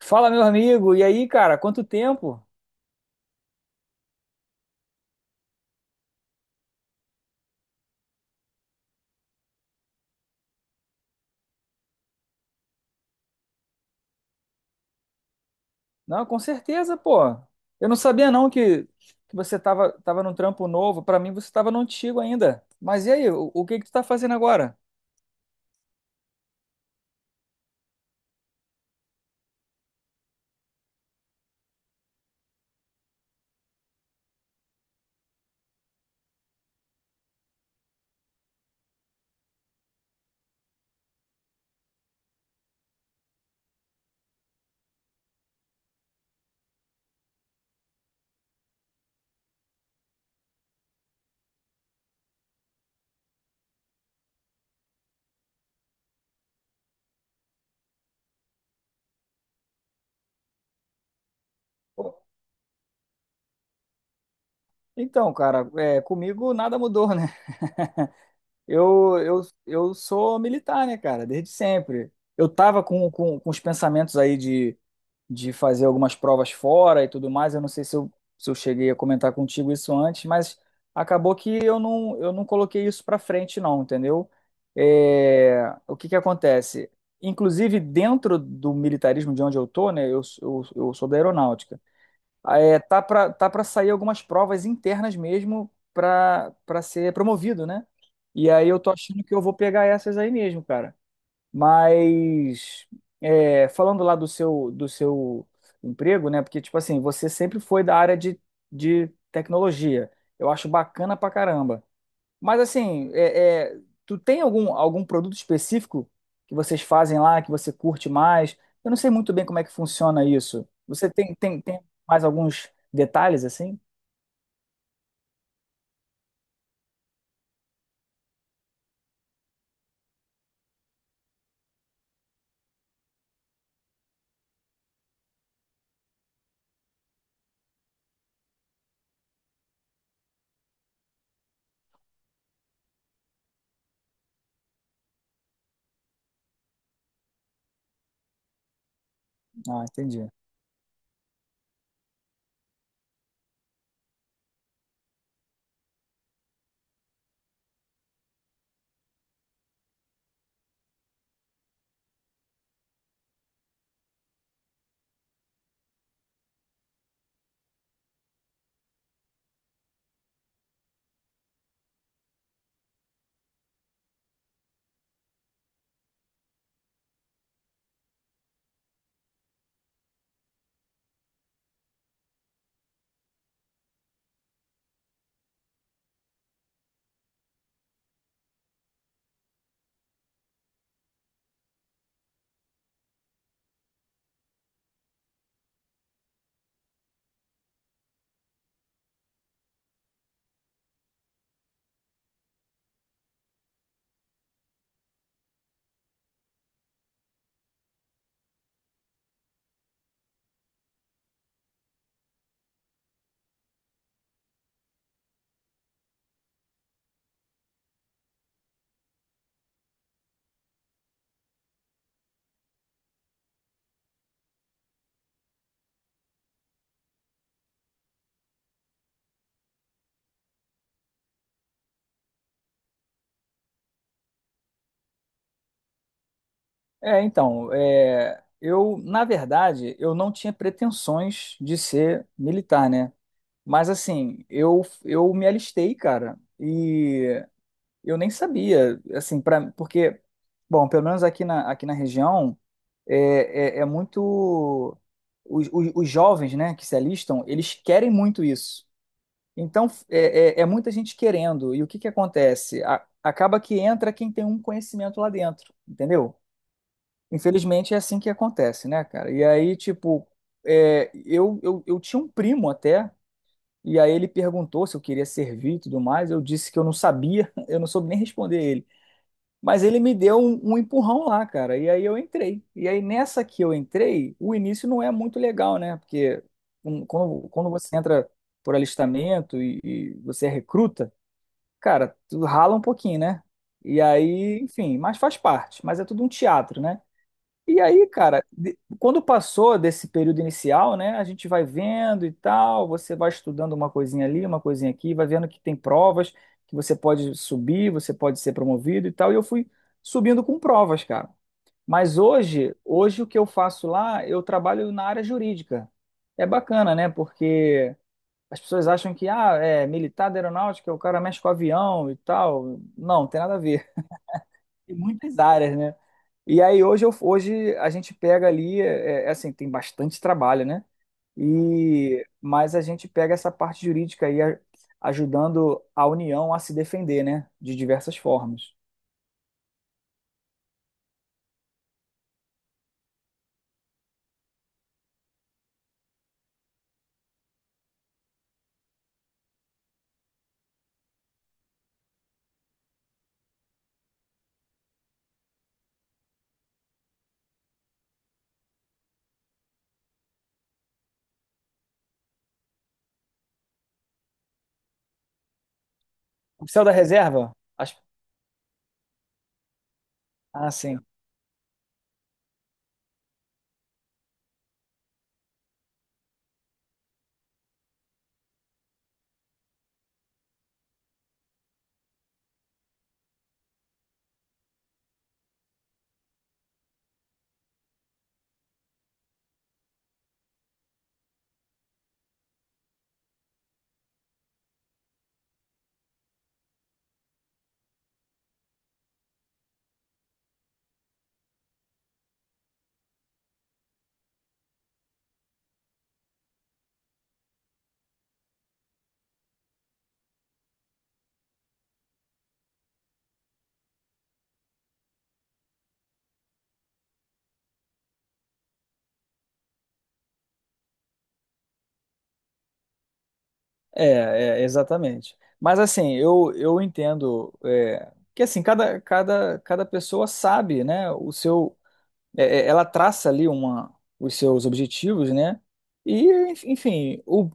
Fala, meu amigo. E aí, cara, quanto tempo? Não, com certeza, pô. Eu não sabia não que você tava num trampo novo. Pra mim, você tava no antigo ainda. Mas e aí, o que que tu tá fazendo agora? Pô, Então, cara, é, comigo nada mudou, né? Eu sou militar, né, cara, desde sempre. Eu tava com os pensamentos aí de fazer algumas provas fora e tudo mais. Eu não sei se eu, se eu cheguei a comentar contigo isso antes, mas acabou que eu não coloquei isso para frente, não, entendeu? É, o que que acontece? Inclusive, dentro do militarismo de onde eu tô, né? Eu sou da aeronáutica. É, tá para sair algumas provas internas mesmo para ser promovido, né? E aí eu tô achando que eu vou pegar essas aí mesmo, cara. Mas é, falando lá do seu emprego, né? Porque tipo assim, você sempre foi da área de tecnologia. Eu acho bacana pra caramba. Mas assim, tu tem algum produto específico que vocês fazem lá que você curte mais? Eu não sei muito bem como é que funciona isso. Você tem mais alguns detalhes assim? Ah, entendi. É, então, é, eu, na verdade, eu não tinha pretensões de ser militar, né? Mas assim, eu me alistei, cara, e eu nem sabia, assim, para porque, bom, pelo menos aqui na região é muito os jovens, né, que se alistam, eles querem muito isso. Então é muita gente querendo. E o que que acontece? Acaba que entra quem tem um conhecimento lá dentro, entendeu? Infelizmente é assim que acontece, né, cara? E aí, tipo, é, eu tinha um primo até. E aí ele perguntou se eu queria servir e tudo mais. Eu disse que eu não sabia, eu não soube nem responder ele. Mas ele me deu um empurrão lá, cara. E aí eu entrei. E aí nessa que eu entrei, o início não é muito legal, né? Porque quando você entra por alistamento e você é recruta, cara, tu rala um pouquinho, né? E aí, enfim, mas faz parte. Mas é tudo um teatro, né? E aí, cara, quando passou desse período inicial, né, a gente vai vendo e tal, você vai estudando uma coisinha ali, uma coisinha aqui, vai vendo que tem provas, que você pode subir, você pode ser promovido e tal, e eu fui subindo com provas, cara. Mas hoje o que eu faço lá, eu trabalho na área jurídica. É bacana, né, porque as pessoas acham que, ah, é militar da aeronáutica, o cara mexe com avião e tal. Não, tem nada a ver. Tem muitas áreas, né? E aí hoje a gente pega ali, é assim, tem bastante trabalho, né? Mas a gente pega essa parte jurídica ajudando a União a se defender, né? De diversas formas. Oficial da reserva? As- Ah, sim. É, é, exatamente. Mas assim, eu entendo é, que assim, cada pessoa sabe, né, o seu, ela traça ali uma, os seus objetivos, né? E, enfim,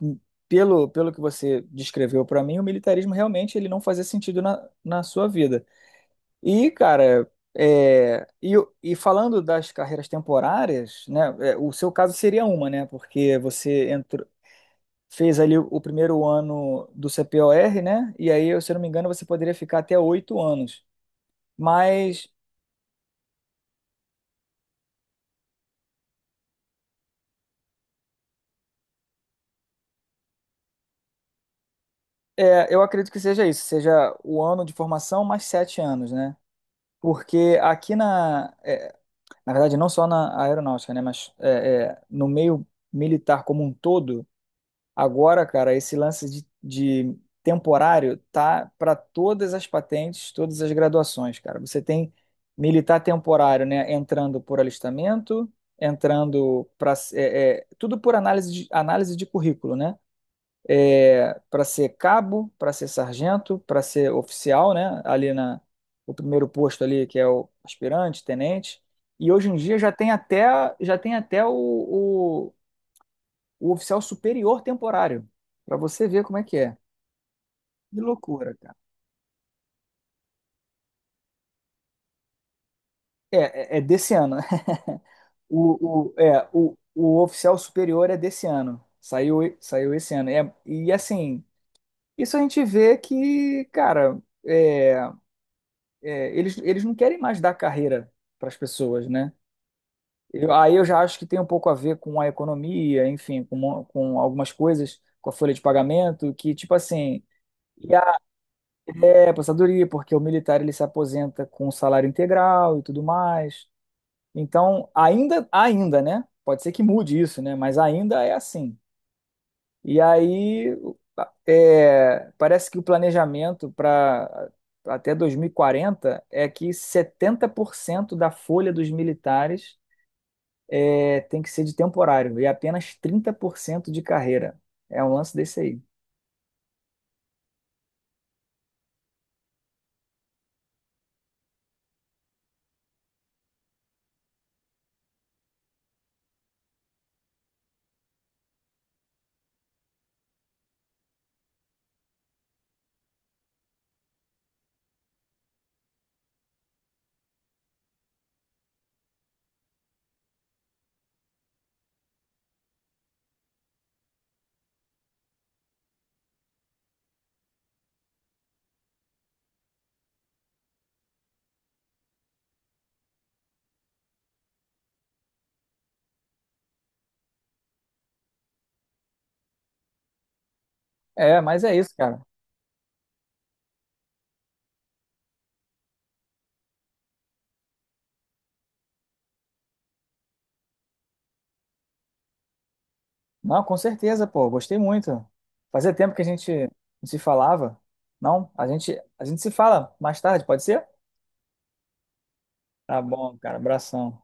pelo, pelo que você descreveu para mim, o militarismo realmente ele não fazia sentido na sua vida. E, cara, e falando das carreiras temporárias, né? É, o seu caso seria uma, né? Porque você entrou, fez ali o primeiro ano do CPOR, né? E aí, se eu não me engano, você poderia ficar até 8 anos. Mas É, eu acredito que seja isso, seja o ano de formação mais 7 anos, né? Porque na verdade, não só na aeronáutica, né? Mas é, no meio militar como um todo, agora, cara, esse lance de temporário tá para todas as patentes, todas as graduações, cara. Você tem militar temporário, né? Entrando por alistamento, entrando para tudo por análise análise de currículo, né? Para ser cabo, para ser sargento, para ser oficial, né? Ali na O primeiro posto ali que é o aspirante, tenente. E hoje em dia já tem até o oficial superior temporário, para você ver como é. Que loucura, cara. É desse ano. O oficial superior é desse ano. Saiu esse ano. É, e assim, isso a gente vê que, cara, é, eles, eles não querem mais dar carreira para as pessoas, né? Aí eu já acho que tem um pouco a ver com a economia, enfim, com algumas coisas, com a folha de pagamento, que tipo assim, e a, é aposentadoria, porque o militar ele se aposenta com um salário integral e tudo mais. Então, ainda, né? Pode ser que mude isso, né? Mas ainda é assim. E aí, é, parece que o planejamento para até 2040 é que 70% da folha dos militares é, tem que ser de temporário e apenas 30% de carreira. É um lance desse aí. É, mas é isso, cara. Não, com certeza, pô, gostei muito. Fazia tempo que a gente não se falava. Não, a gente se fala mais tarde, pode ser? Tá bom, cara, abração.